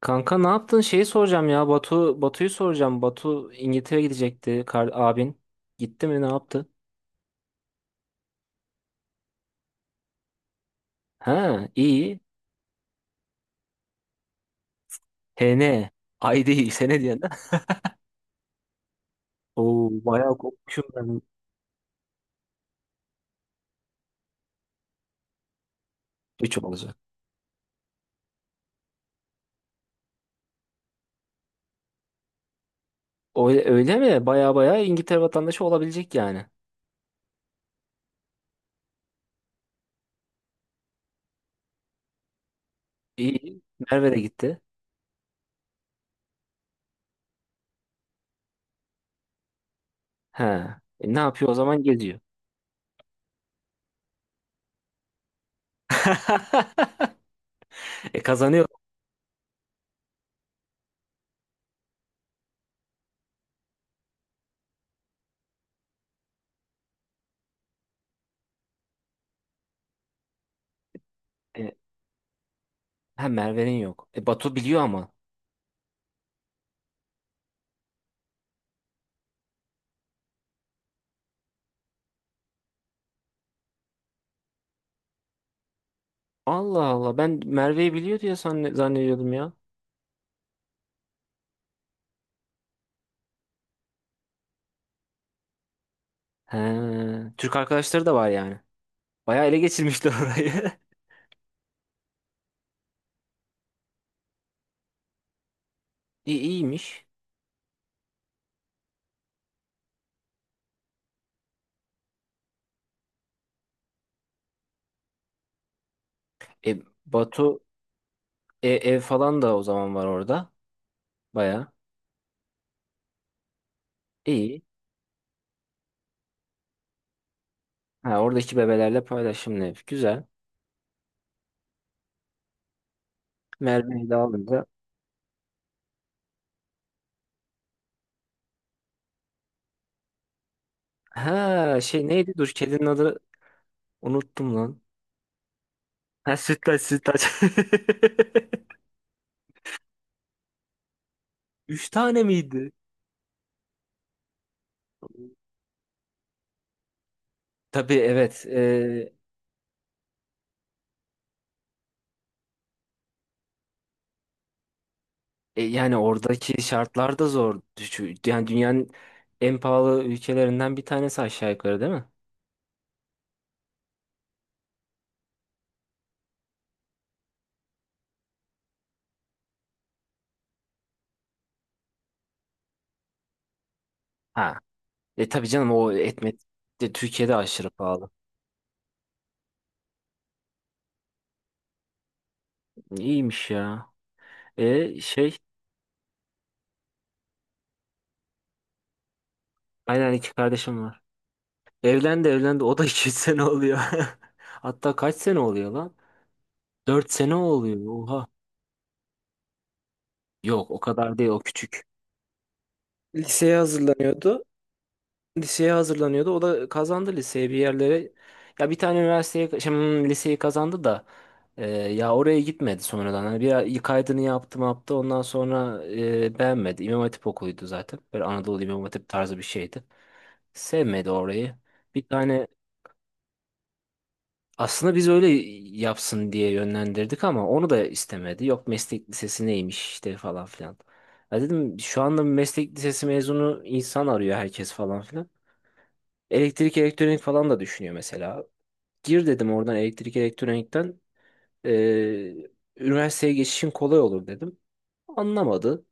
Kanka, ne yaptın? Şeyi soracağım ya. Batu'yu soracağım. Batu İngiltere gidecekti. Kar, abin. Gitti mi? Ne yaptı? Ha, iyi. HN. Ay değil. Sene diyen. De. Oo, bayağı kopmuşum ben. Üç olacak. Öyle, öyle mi? Baya baya İngiltere vatandaşı olabilecek yani. İyi. Merve de gitti. Ha. Ne yapıyor o zaman? Geziyor. E kazanıyor. E, ha, Merve'nin yok. E Batu biliyor ama. Allah Allah, ben Merve'yi biliyor diye zannediyordum ya. He, Türk arkadaşları da var yani. Bayağı ele geçirmişler orayı. İyi, iyiymiş. E Batu, ev falan da o zaman var orada. Bayağı iyi. Ha, oradaki bebelerle paylaşımlı ev. Güzel. Merve'yi de alınca. Ha şey neydi? Dur, kedinin adı unuttum lan. Ha, sütlaç sütlaç. Üç tane miydi? Tabii, evet. Yani oradaki şartlar da zor. Yani dünyanın en pahalı ülkelerinden bir tanesi aşağı yukarı, değil mi? Ha, e tabii canım, o etmet de Türkiye'de aşırı pahalı. İyiymiş ya. E şey, aynen, iki kardeşim var. Evlendi, o da iki sene oluyor. Hatta kaç sene oluyor lan? Dört sene oluyor, oha. Yok, o kadar değil, o küçük. Liseye hazırlanıyordu. Liseye hazırlanıyordu. O da kazandı liseye, bir yerlere. Ya bir tane üniversiteye, şimdi liseyi kazandı da ya oraya gitmedi sonradan. Hani bir kaydını yaptı mı yaptı. Ondan sonra beğenmedi. İmam Hatip okuluydu zaten. Böyle Anadolu İmam Hatip tarzı bir şeydi. Sevmedi orayı. Bir tane, aslında biz öyle yapsın diye yönlendirdik ama onu da istemedi. Yok meslek lisesi neymiş işte falan filan. Ya dedim şu anda meslek lisesi mezunu insan arıyor herkes falan filan. Elektrik elektronik falan da düşünüyor mesela. Gir dedim oradan, elektrik elektronikten. Ee, Üniversiteye geçişin kolay olur dedim. Anlamadı.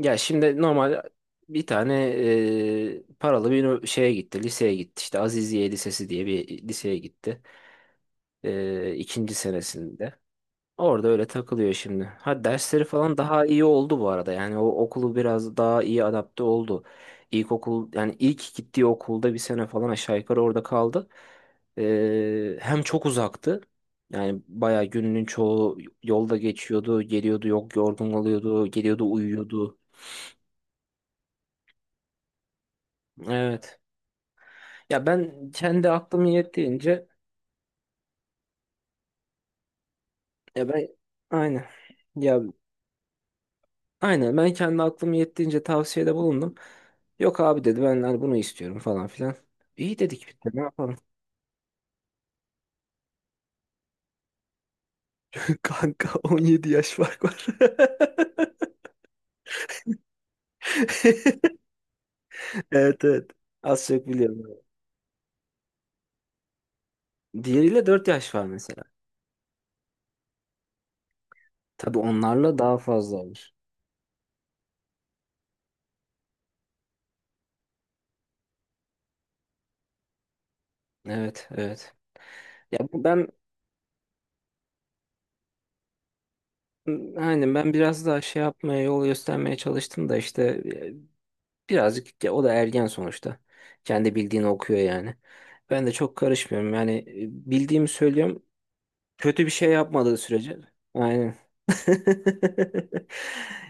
Ya şimdi normal bir tane paralı bir şeye gitti, liseye gitti. İşte Aziziye Lisesi diye bir liseye gitti. E, ikinci senesinde. Orada öyle takılıyor şimdi. Ha, dersleri falan daha iyi oldu bu arada. Yani o okulu biraz daha iyi adapte oldu. İlkokul yani ilk gittiği okulda bir sene falan aşağı yukarı orada kaldı. Hem çok uzaktı. Yani bayağı gününün çoğu yolda geçiyordu, geliyordu, yok yorgun oluyordu, geliyordu, uyuyordu. Evet. Ya ben kendi aklım yettiğince, ya ben, aynen. Ya aynen, ben kendi aklım yettiğince tavsiyede bulundum. Yok abi dedi, ben hani bunu istiyorum falan filan. İyi dedik, biz de ne yapalım. Kanka, 17 yaş fark var. Evet, evet. Az çok biliyorum. Diğeriyle 4 yaş var mesela. Tabii onlarla daha fazla olur. Evet, evet. Ya ben aynen, ben biraz daha şey yapmaya, yol göstermeye çalıştım da işte e, birazcık, ya o da ergen sonuçta. Kendi bildiğini okuyor yani. Ben de çok karışmıyorum. Yani bildiğimi söylüyorum. Kötü bir şey yapmadığı sürece. Aynen.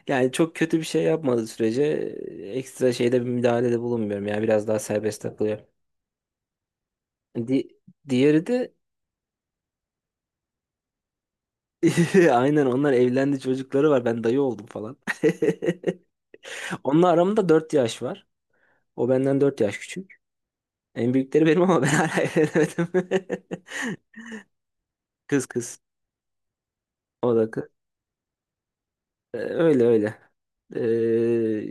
Yani çok kötü bir şey yapmadığı sürece ekstra şeyde bir müdahalede bulunmuyorum. Yani biraz daha serbest takılıyor. Di diğeri de aynen, onlar evlendi, çocukları var. Ben dayı oldum falan. Onunla aramda 4 yaş var. O benden 4 yaş küçük. En büyükleri benim ama ben hala evlenemedim. Kız, kız. O da kı- e, öyle öyle.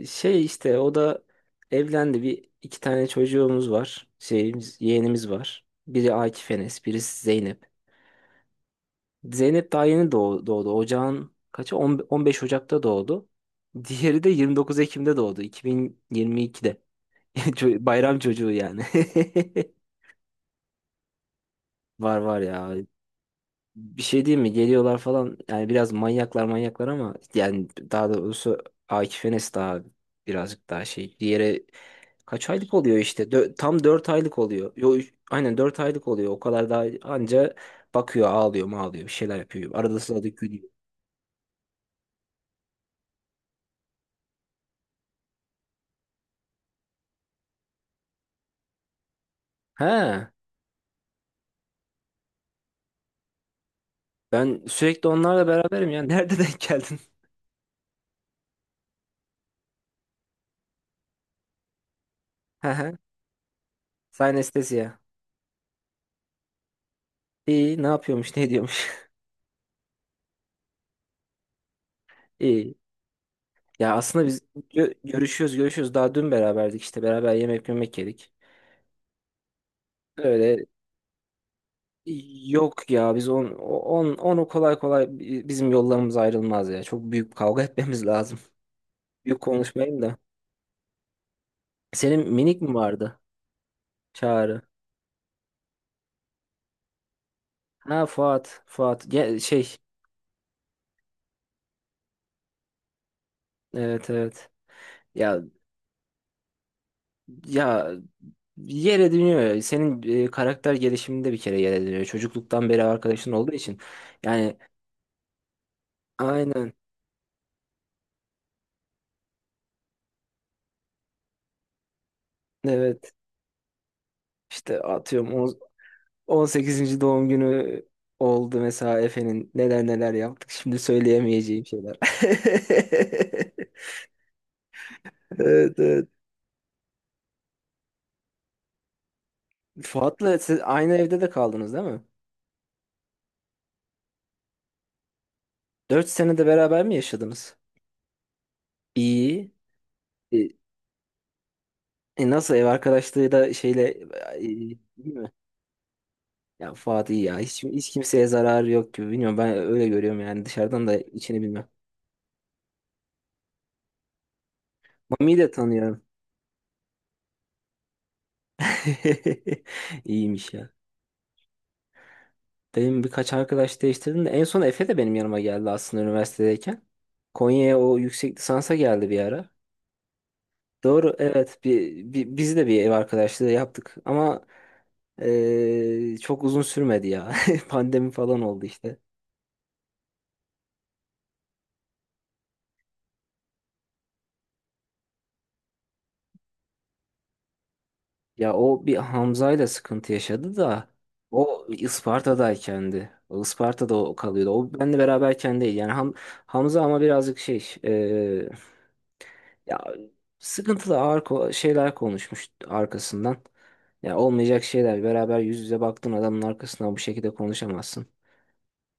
Şey işte o da evlendi. Bir iki tane çocuğumuz var. Şeyimiz, yeğenimiz var. Biri Akif Enes, birisi Zeynep. Zeynep daha yeni doğdu. Ocağın kaçı? 10 15 Ocak'ta doğdu. Diğeri de 29 Ekim'de doğdu. 2022'de. Bayram çocuğu yani. Var var ya. Bir şey diyeyim mi? Geliyorlar falan. Yani biraz manyaklar ama yani, daha doğrusu Akif Enes daha birazcık daha şey. Diğeri kaç aylık oluyor işte? Tam 4 aylık oluyor. Aynen, 4 aylık oluyor. O kadar daha anca bakıyor, ağlıyor, mağlıyor, bir şeyler yapıyor. Arada sırada gülüyor. He, ben sürekli onlarla beraberim ya. Nerede denk geldin? He he. Sayın Anestezya. İyi, ne yapıyormuş, ne ediyormuş. İyi. Ya aslında biz görüşüyoruz. Daha dün beraberdik işte. Beraber yemek yedik. Öyle. Yok ya, biz onu kolay kolay, bizim yollarımız ayrılmaz ya. Çok büyük bir kavga etmemiz lazım. Büyük konuşmayayım da. Senin minik mi vardı? Çağrı. Ha, Fuat. Fuat. Ya, şey. Evet, evet. Ya ya yere dönüyor ya. Senin karakter gelişiminde bir kere yere dönüyor. Çocukluktan beri arkadaşın olduğu için. Yani aynen. Evet. İşte atıyorum, on sekizinci doğum günü oldu mesela Efe'nin. Neler neler yaptık. Şimdi söyleyemeyeceğim şeyler. Evet, evet. Fuat'la siz aynı evde de kaldınız, değil mi? Dört sene de beraber mi yaşadınız? İyi. E, Nasıl, ev arkadaşlığı da şeyle iyi mi? Ya Fuat iyi ya. Hiç kimseye zararı yok gibi. Bilmiyorum, ben öyle görüyorum yani, dışarıdan da içini bilmem. Mami'yi de tanıyorum. İyiymiş ya. Benim birkaç arkadaş değiştirdim de en son Efe de benim yanıma geldi aslında, üniversitedeyken. Konya'ya o yüksek lisansa geldi bir ara. Doğru, evet, biz de bir ev arkadaşlığı yaptık ama çok uzun sürmedi ya. Pandemi falan oldu işte. Ya o bir Hamza'yla sıkıntı yaşadı da o Isparta'daykendi. O Isparta'da o kalıyordu. O benle beraberken değil. Yani Hamza ama birazcık şey, ya sıkıntılı, ağır şeyler konuşmuş arkasından. Ya olmayacak şeyler. Beraber yüz yüze baktığın adamın arkasından bu şekilde konuşamazsın.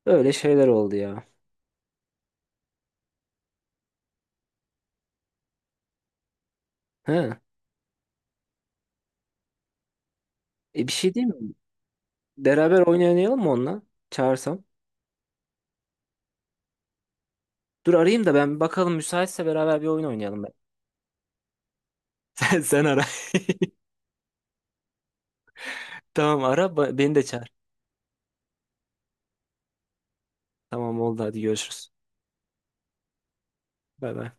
Öyle şeyler oldu ya. He. E bir şey değil mi? Beraber oyun oynayalım mı onunla? Çağırsam. Dur arayayım da ben bir bakalım, müsaitse beraber bir oyun oynayalım ben. Sen, sen ara. Tamam, ara, beni de çağır. Tamam oldu, hadi görüşürüz. Bay bay.